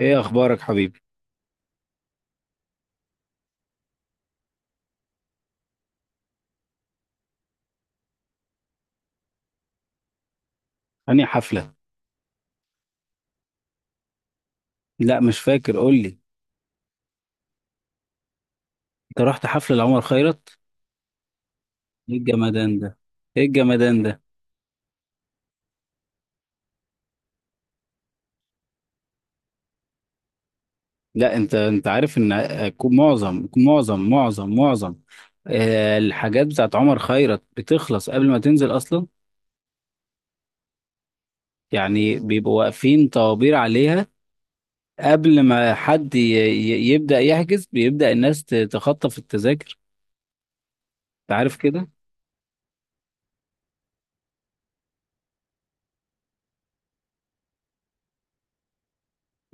ايه اخبارك حبيبي؟ انهي حفله؟ لا مش فاكر، قول لي. انت رحت حفله لعمر خيرت؟ ايه الجمدان ده؟ ايه الجمدان ده؟ لا انت عارف ان آه، كو- معظم معظم معظم معظم آه، الحاجات بتاعت عمر خيرت بتخلص قبل ما تنزل اصلا. يعني بيبقوا واقفين طوابير عليها قبل ما حد يبدا يحجز، بيبدا الناس تخطف التذاكر. انت عارف كده.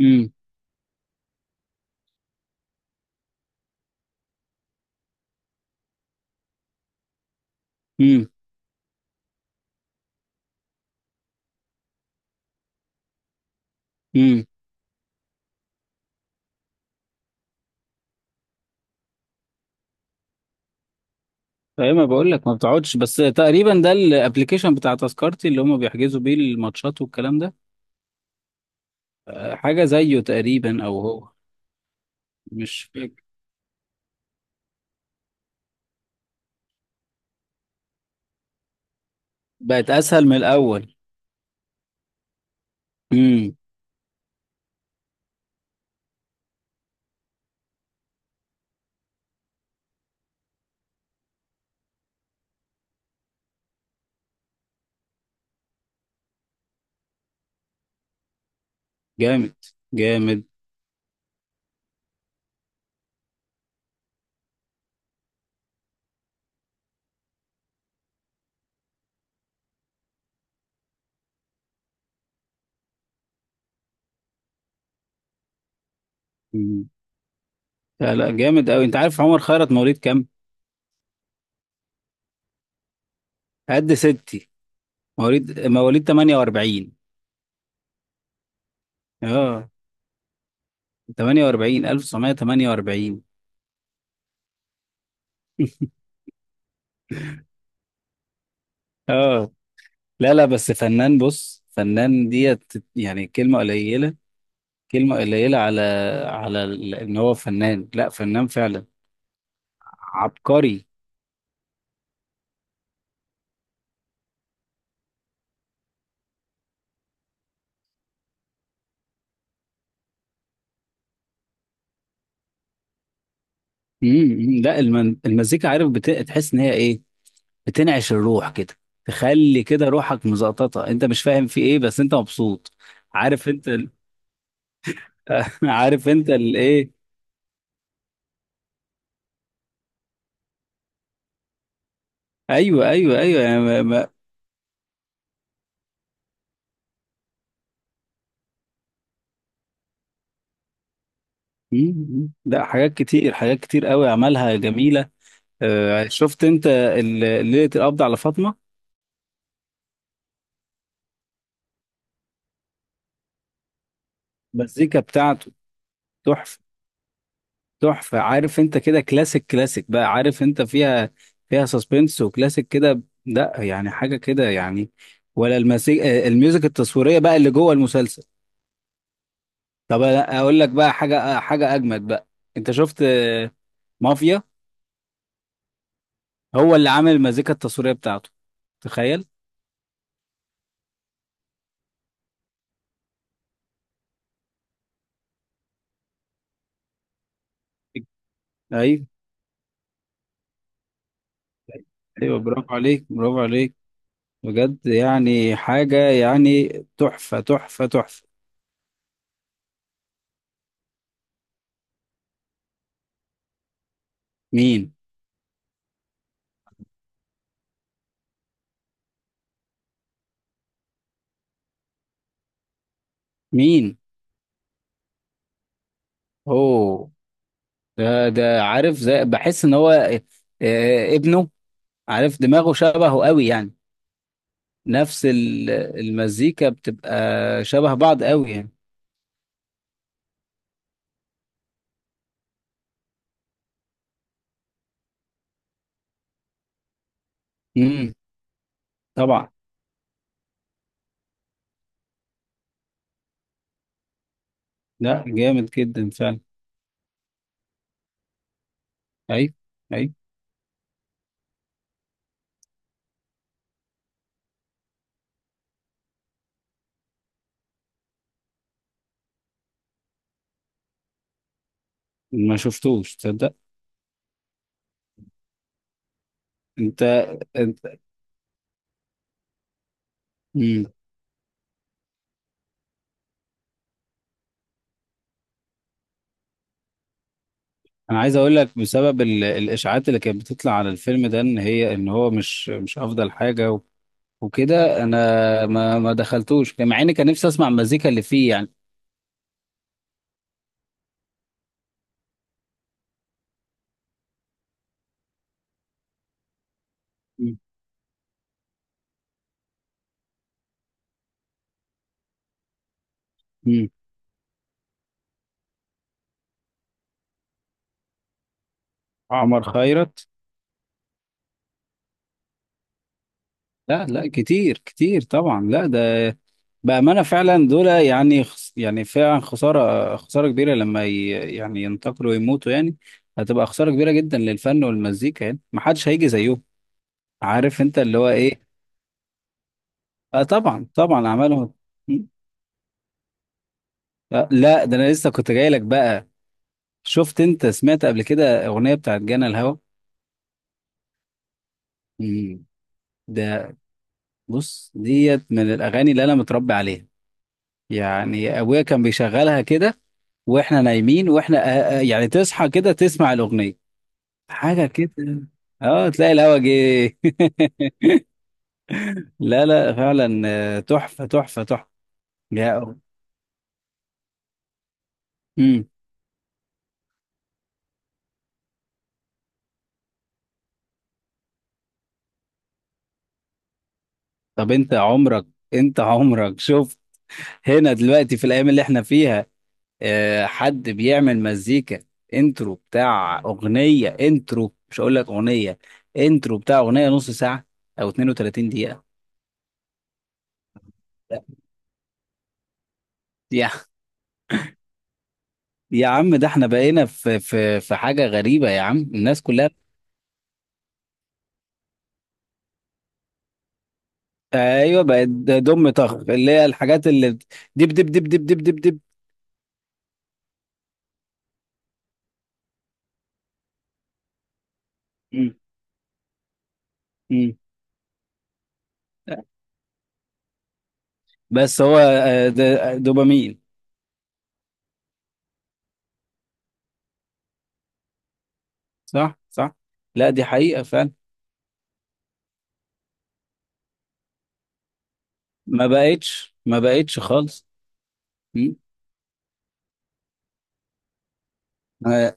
امم امم ايوه، ما بقول لك ما بتقعدش، بس تقريبا ده الابلكيشن بتاع تذكرتي اللي هم بيحجزوا بيه الماتشات والكلام ده. حاجه زيه تقريبا او هو. مش فاكر. بقت اسهل من الاول. امم جامد، جامد. مم. لا لا، جامد قوي. انت عارف عمر خيرت مواليد كام؟ قد ستي. مواليد 48. اه. 48. 1948. اه. لا لا، بس فنان، بص، فنان ديت يعني كلمه قليله. كلمة قليلة على على إن هو فنان. لا، فنان فعلا، عبقري. لا المزيكا، عارف، تحس إن هي إيه، بتنعش الروح كده، تخلي كده روحك مزقططة. أنت مش فاهم في إيه بس أنت مبسوط. عارف أنت عارف أنت الإيه. أيوه أيوه أيوه، يعني ما... ما... لا، حاجات كتير، حاجات كتير قوي عملها جميلة. شفت أنت ليلة القبض على فاطمة؟ المزيكا بتاعته تحفة، تحفة. عارف انت كده كلاسيك، كلاسيك بقى. عارف انت فيها، فيها سسبنس وكلاسيك كده، لا يعني حاجة كده يعني. ولا المسيج... آه، الميوزك التصويرية بقى اللي جوه المسلسل. طب أنا اقول لك بقى حاجة، حاجة اجمد بقى. انت شفت مافيا؟ هو اللي عامل المزيكا التصويرية بتاعته، تخيل. ايوه، ايوه، برافو عليك، برافو عليك، بجد يعني حاجة يعني. تحفة، تحفة، تحفة. مين؟ مين؟ اوه. ده عارف، زي بحس ان هو ابنه. عارف دماغه شبهه قوي يعني. نفس المزيكا بتبقى شبه بعض قوي يعني. امم طبعا. لا جامد جدا فعلا. اي، اي. ما شفتوش، تصدق؟ انت انت امم انا عايز اقول لك، بسبب الاشاعات اللي كانت بتطلع على الفيلم ده ان هي ان هو مش افضل حاجه و... وكده انا ما دخلتوش، مع اني كان نفسي اسمع المزيكا اللي فيه يعني. امم عمر خيرت. لا لا، كتير كتير طبعا. لا ده، بأمانة فعلا دول يعني يعني فعلا خسارة، خسارة كبيرة لما يعني ينتقلوا ويموتوا يعني. هتبقى خسارة كبيرة جدا للفن والمزيكا، يعني محدش هيجي زيهم. عارف انت اللي هو ايه. اه طبعا، طبعا اعمالهم. م. آه لا، ده انا لسه كنت جاي لك بقى. شفت انت؟ سمعت قبل كده اغنية بتاعت جانا الهوى؟ مم. ده، بص، ديت من الاغاني اللي انا متربي عليها. يعني ابويا كان بيشغلها كده واحنا نايمين. واحنا يعني تصحى كده تسمع الاغنيه، حاجه كده. اه، تلاقي الهوا جه. لا لا فعلا، تحفه، تحفه، تحفه. يا امم طب انت عمرك شوف، هنا دلوقتي في الايام اللي احنا فيها، حد بيعمل مزيكا انترو بتاع اغنيه؟ انترو، مش هقول لك اغنيه، انترو بتاع اغنيه نص ساعه او 32 دقيقه؟ لا. يا عم، ده احنا بقينا في في حاجة غريبة يا عم، الناس كلها. ايوه، بقت دم طخ، اللي هي الحاجات اللي دب دب دب دب دب دب دب. مم. مم. بس هو ده دوبامين. صح، صح. لا دي حقيقة فعلا، ما بقتش، ما بقتش خالص. مم. آه،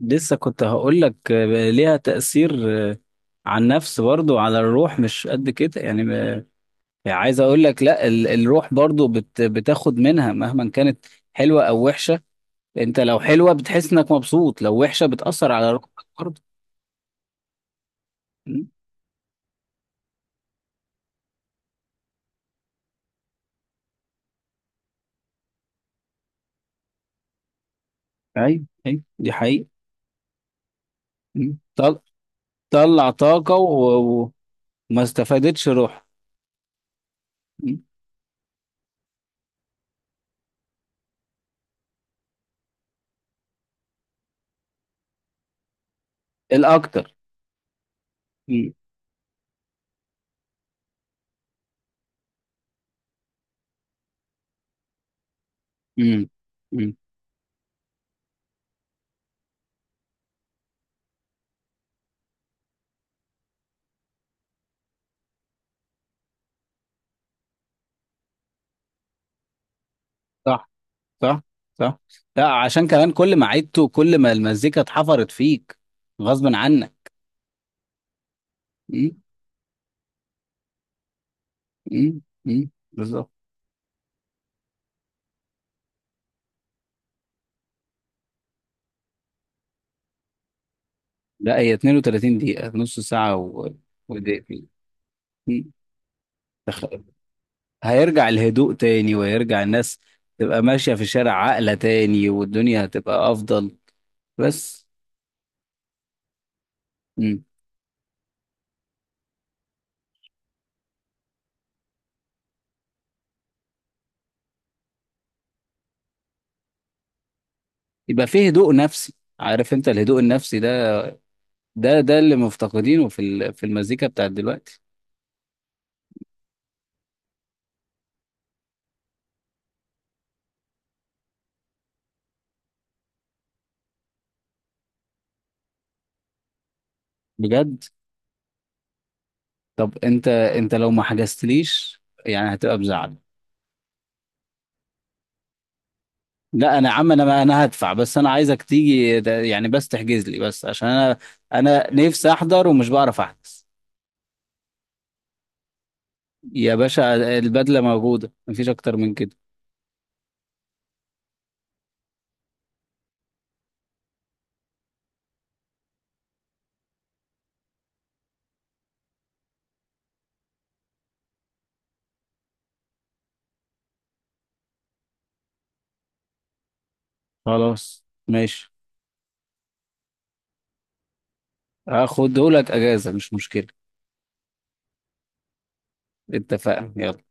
لسه كنت هقول لك ليها تأثير آه، على النفس برضو، على الروح مش قد كده يعني يعني عايز اقول لك، لا، الروح برضو بتاخد منها مهما كانت، حلوة او وحشة. انت لو حلوه، بتحس انك مبسوط، لو وحشه، بتاثر على روحك برضه. مم. ايوه، ايوه، دي حقيقه. مم. طلع طاقه و... و- وما استفادتش روح. مم. الاكتر. مم. مم. مم. صح، صح، صح. لا عشان كمان كل ما عدته، كل ما المزيكا اتحفرت فيك غصب عنك. مم. مم. مم. بالظبط. لا، هي 32 دقيقه، نص ساعه و... ودقيقتين. مم. تخ- هيرجع الهدوء تاني، وهيرجع الناس تبقى ماشية في الشارع عاقلة تاني، والدنيا هتبقى أفضل بس. مم. يبقى فيه هدوء نفسي. عارف انت الهدوء النفسي ده؟ ده اللي مفتقدينه في في المزيكا بتاعت دلوقتي. بجد؟ طب انت لو ما حجزتليش يعني هتبقى بزعل. لا انا يا عم، انا هدفع، بس انا عايزك تيجي يعني بس تحجز لي بس، عشان انا انا نفسي احضر ومش بعرف احجز. يا باشا، البدلة موجودة، مفيش اكتر من كده. خلاص، ماشي. هاخدهولك اجازه، مش مشكله. اتفقنا يلا.